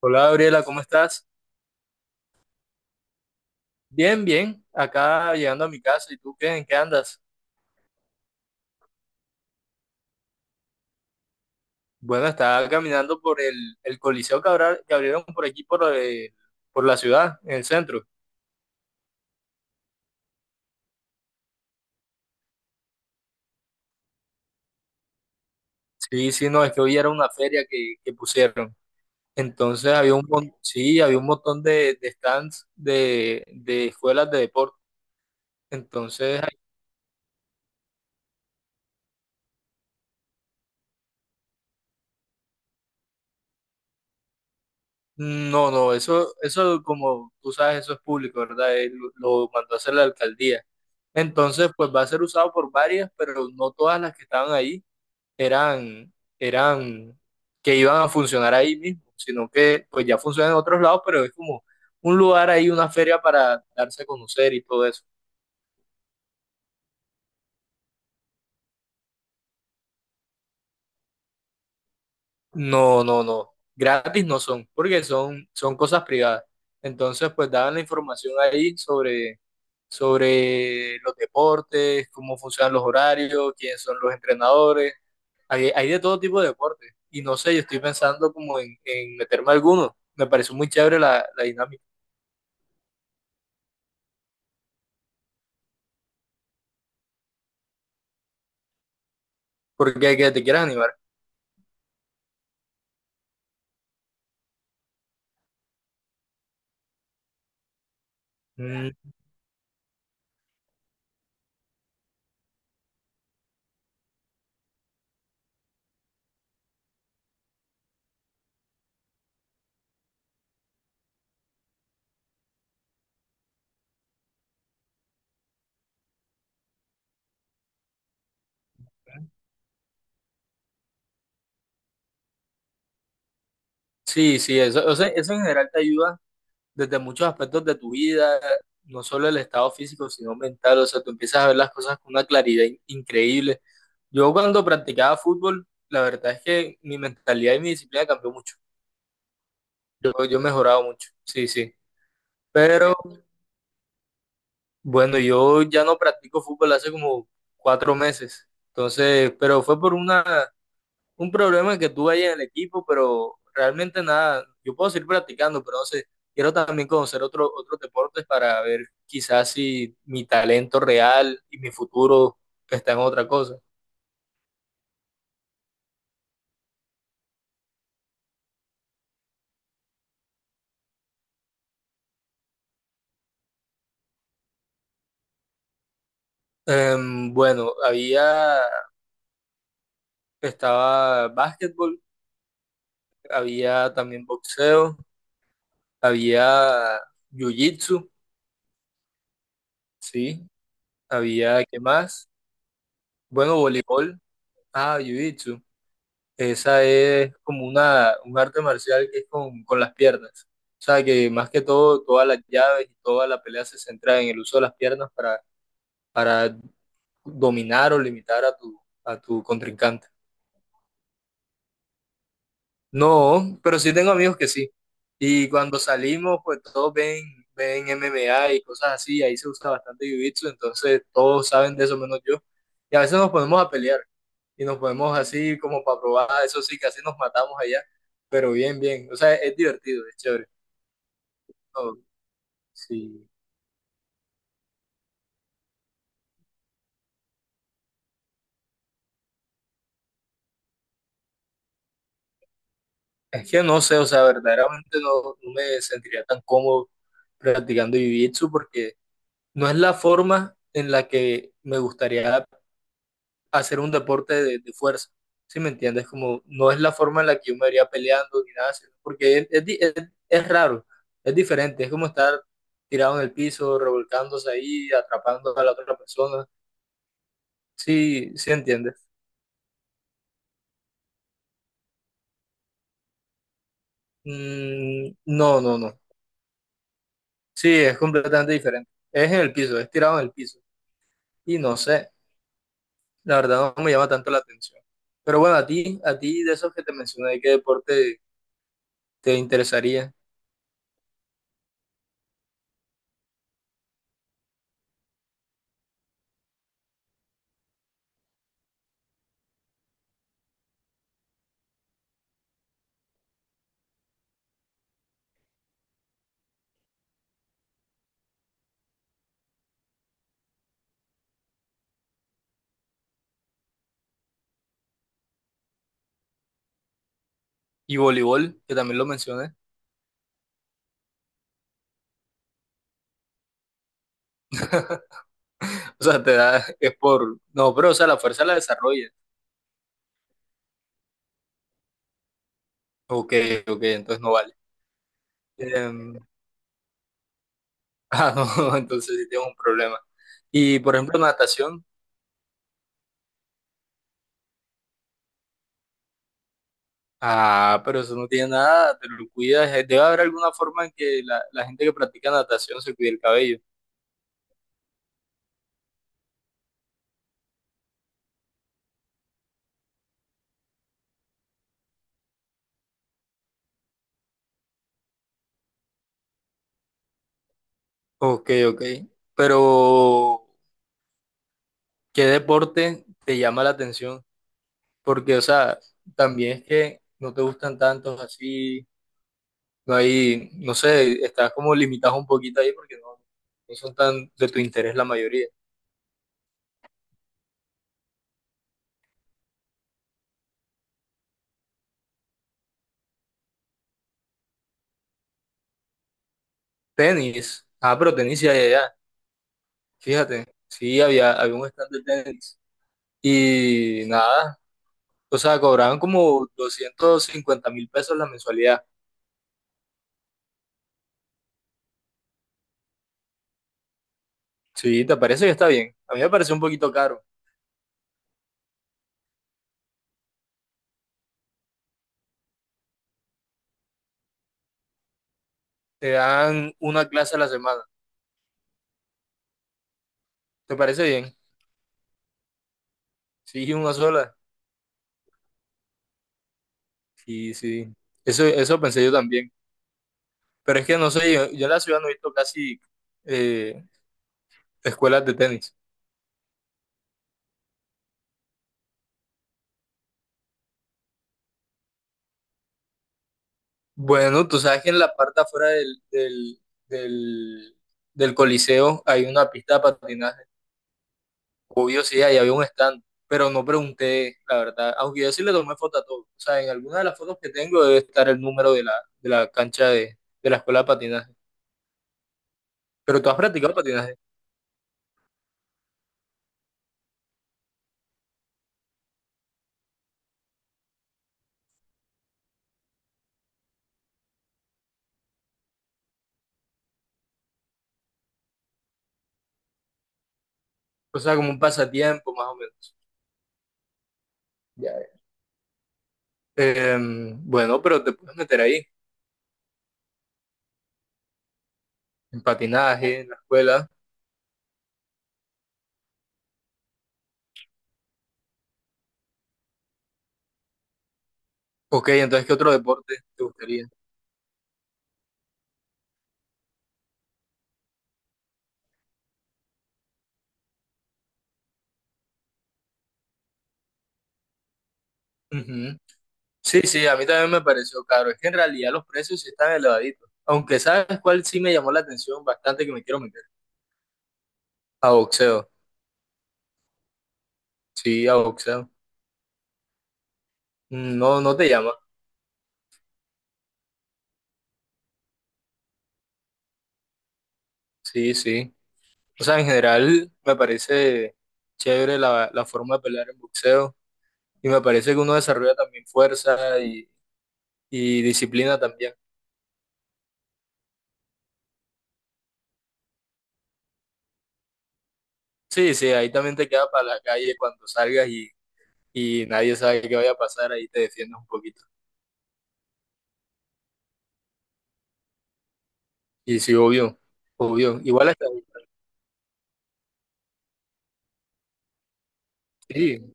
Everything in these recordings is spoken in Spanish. Hola Gabriela, ¿cómo estás? Bien, bien, acá llegando a mi casa. ¿Y tú qué? ¿En qué andas? Bueno, estaba caminando por el Coliseo que abrieron por aquí, por la ciudad, en el centro. Sí, sí, no, es que hoy era una feria que pusieron. Entonces sí, había un montón de stands de escuelas de deporte. Entonces no, no, eso como tú sabes, eso es público, ¿verdad? Él lo mandó a hacer la alcaldía. Entonces, pues va a ser usado por varias, pero no todas las que estaban ahí eran, eran que iban a funcionar ahí mismo, sino que pues ya funcionan en otros lados, pero es como un lugar ahí, una feria para darse a conocer y todo eso. No, no, no. Gratis no son, porque son cosas privadas. Entonces, pues daban la información ahí sobre los deportes, cómo funcionan los horarios, quiénes son los entrenadores. Hay de todo tipo de deportes. Y no sé, yo estoy pensando como en meterme a alguno. Me pareció muy chévere la dinámica, porque hay que te quieras animar. Mm, sí, sí, eso, o sea, eso en general te ayuda desde muchos aspectos de tu vida, no solo el estado físico, sino mental. O sea, tú empiezas a ver las cosas con una claridad increíble. Yo cuando practicaba fútbol, la verdad es que mi mentalidad y mi disciplina cambió mucho. Yo he mejorado mucho. Sí, sí. Pero bueno, yo ya no practico fútbol hace como 4 meses. Entonces, pero fue por un problema que tuve ahí en el equipo, pero realmente nada, yo puedo seguir practicando, pero no sé, quiero también conocer otros deportes para ver quizás si mi talento real y mi futuro está en otra cosa. Bueno, estaba básquetbol, había también boxeo, había jiu-jitsu, sí, había, ¿qué más? Bueno, voleibol, ah, jiu-jitsu, esa es como un arte marcial que es con las piernas. O sea, que más que todo, todas las llaves y toda la pelea se centra en el uso de las piernas para dominar o limitar a a tu contrincante. No, pero sí tengo amigos que sí. Y cuando salimos, pues todos ven MMA y cosas así, ahí se usa bastante jiu-jitsu, entonces todos saben de eso menos yo. Y a veces nos ponemos a pelear. Y nos ponemos así como para probar, eso sí, casi nos matamos allá, pero bien, bien, o sea, es divertido, es chévere. No, sí. Es que no sé, o sea, verdaderamente no, no me sentiría tan cómodo practicando jiu-jitsu porque no es la forma en la que me gustaría hacer un deporte de fuerza, ¿sí me entiendes? Como no es la forma en la que yo me vería peleando ni nada, sino porque es raro, es diferente, es como estar tirado en el piso, revolcándose ahí, atrapando a la otra persona. Sí, sí entiendes. Mm, no, no, no. Sí, es completamente diferente. Es en el piso, es tirado en el piso. Y no sé, la verdad no me llama tanto la atención. Pero bueno, a ti de esos que te mencioné, ¿qué deporte te interesaría? Y voleibol, que también lo mencioné. O sea, te da, es por. No, pero o sea, la fuerza la desarrolla. Ok, ok, entonces no vale. Em, ah, no, entonces sí tengo un problema. Y por ejemplo, natación. Ah, pero eso no tiene nada, te lo cuidas. Debe haber alguna forma en que la gente que practica natación se cuide el cabello. Ok, ok. Pero, ¿qué deporte te llama la atención? Porque, o sea, también es que no te gustan tantos así, no hay, no sé, estás como limitado un poquito ahí porque no, no son tan de tu interés la mayoría. Tenis. Ah, pero tenis ya, ya, ya. Fíjate, sí, había, había un stand de tenis. Y nada. O sea, cobraban como 250.000 pesos la mensualidad. Sí, ¿te parece que está bien? A mí me parece un poquito caro. Te dan una clase a la semana. ¿Te parece bien? Sí, una sola. Sí, sí. Eso pensé yo también. Pero es que no sé, yo en la ciudad no he visto casi eh, escuelas de tenis. Bueno, tú sabes que en la parte afuera del, del Coliseo hay una pista de patinaje. Obvio, sí, ahí había un stand, pero no pregunté, la verdad. Aunque yo sí le tomé foto a todo. O sea, en alguna de las fotos que tengo debe estar el número de la cancha de la escuela de patinaje. Pero tú has practicado patinaje. O sea, como un pasatiempo, más o menos. Ya, ya. Em, bueno, pero te puedes meter ahí, en patinaje, en la escuela. Ok, entonces, ¿qué otro deporte te gustaría? Ujú. Sí, sí, a mí también me pareció caro. Es que en realidad los precios sí están elevaditos. Aunque sabes cuál sí me llamó la atención bastante que me quiero meter. A boxeo. Sí, a boxeo. No, no te llama. Sí, sí. O sea, en general me parece chévere la forma de pelear en boxeo y me parece que uno desarrolla también fuerza y disciplina también. Sí, sí, ahí también te queda para la calle cuando salgas y nadie sabe qué vaya a pasar, ahí te defiendes un poquito. Y sí, obvio, obvio. Igual hasta. Sí,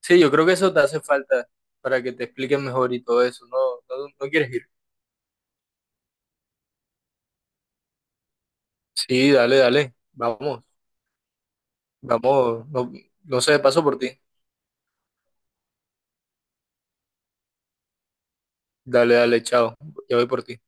sí, yo creo que eso te hace falta para que te expliquen mejor y todo eso. No, no, no quieres ir. Sí, dale, dale. Vamos, vamos. No, no sé, paso por ti. Dale, dale, chao. Ya voy por ti.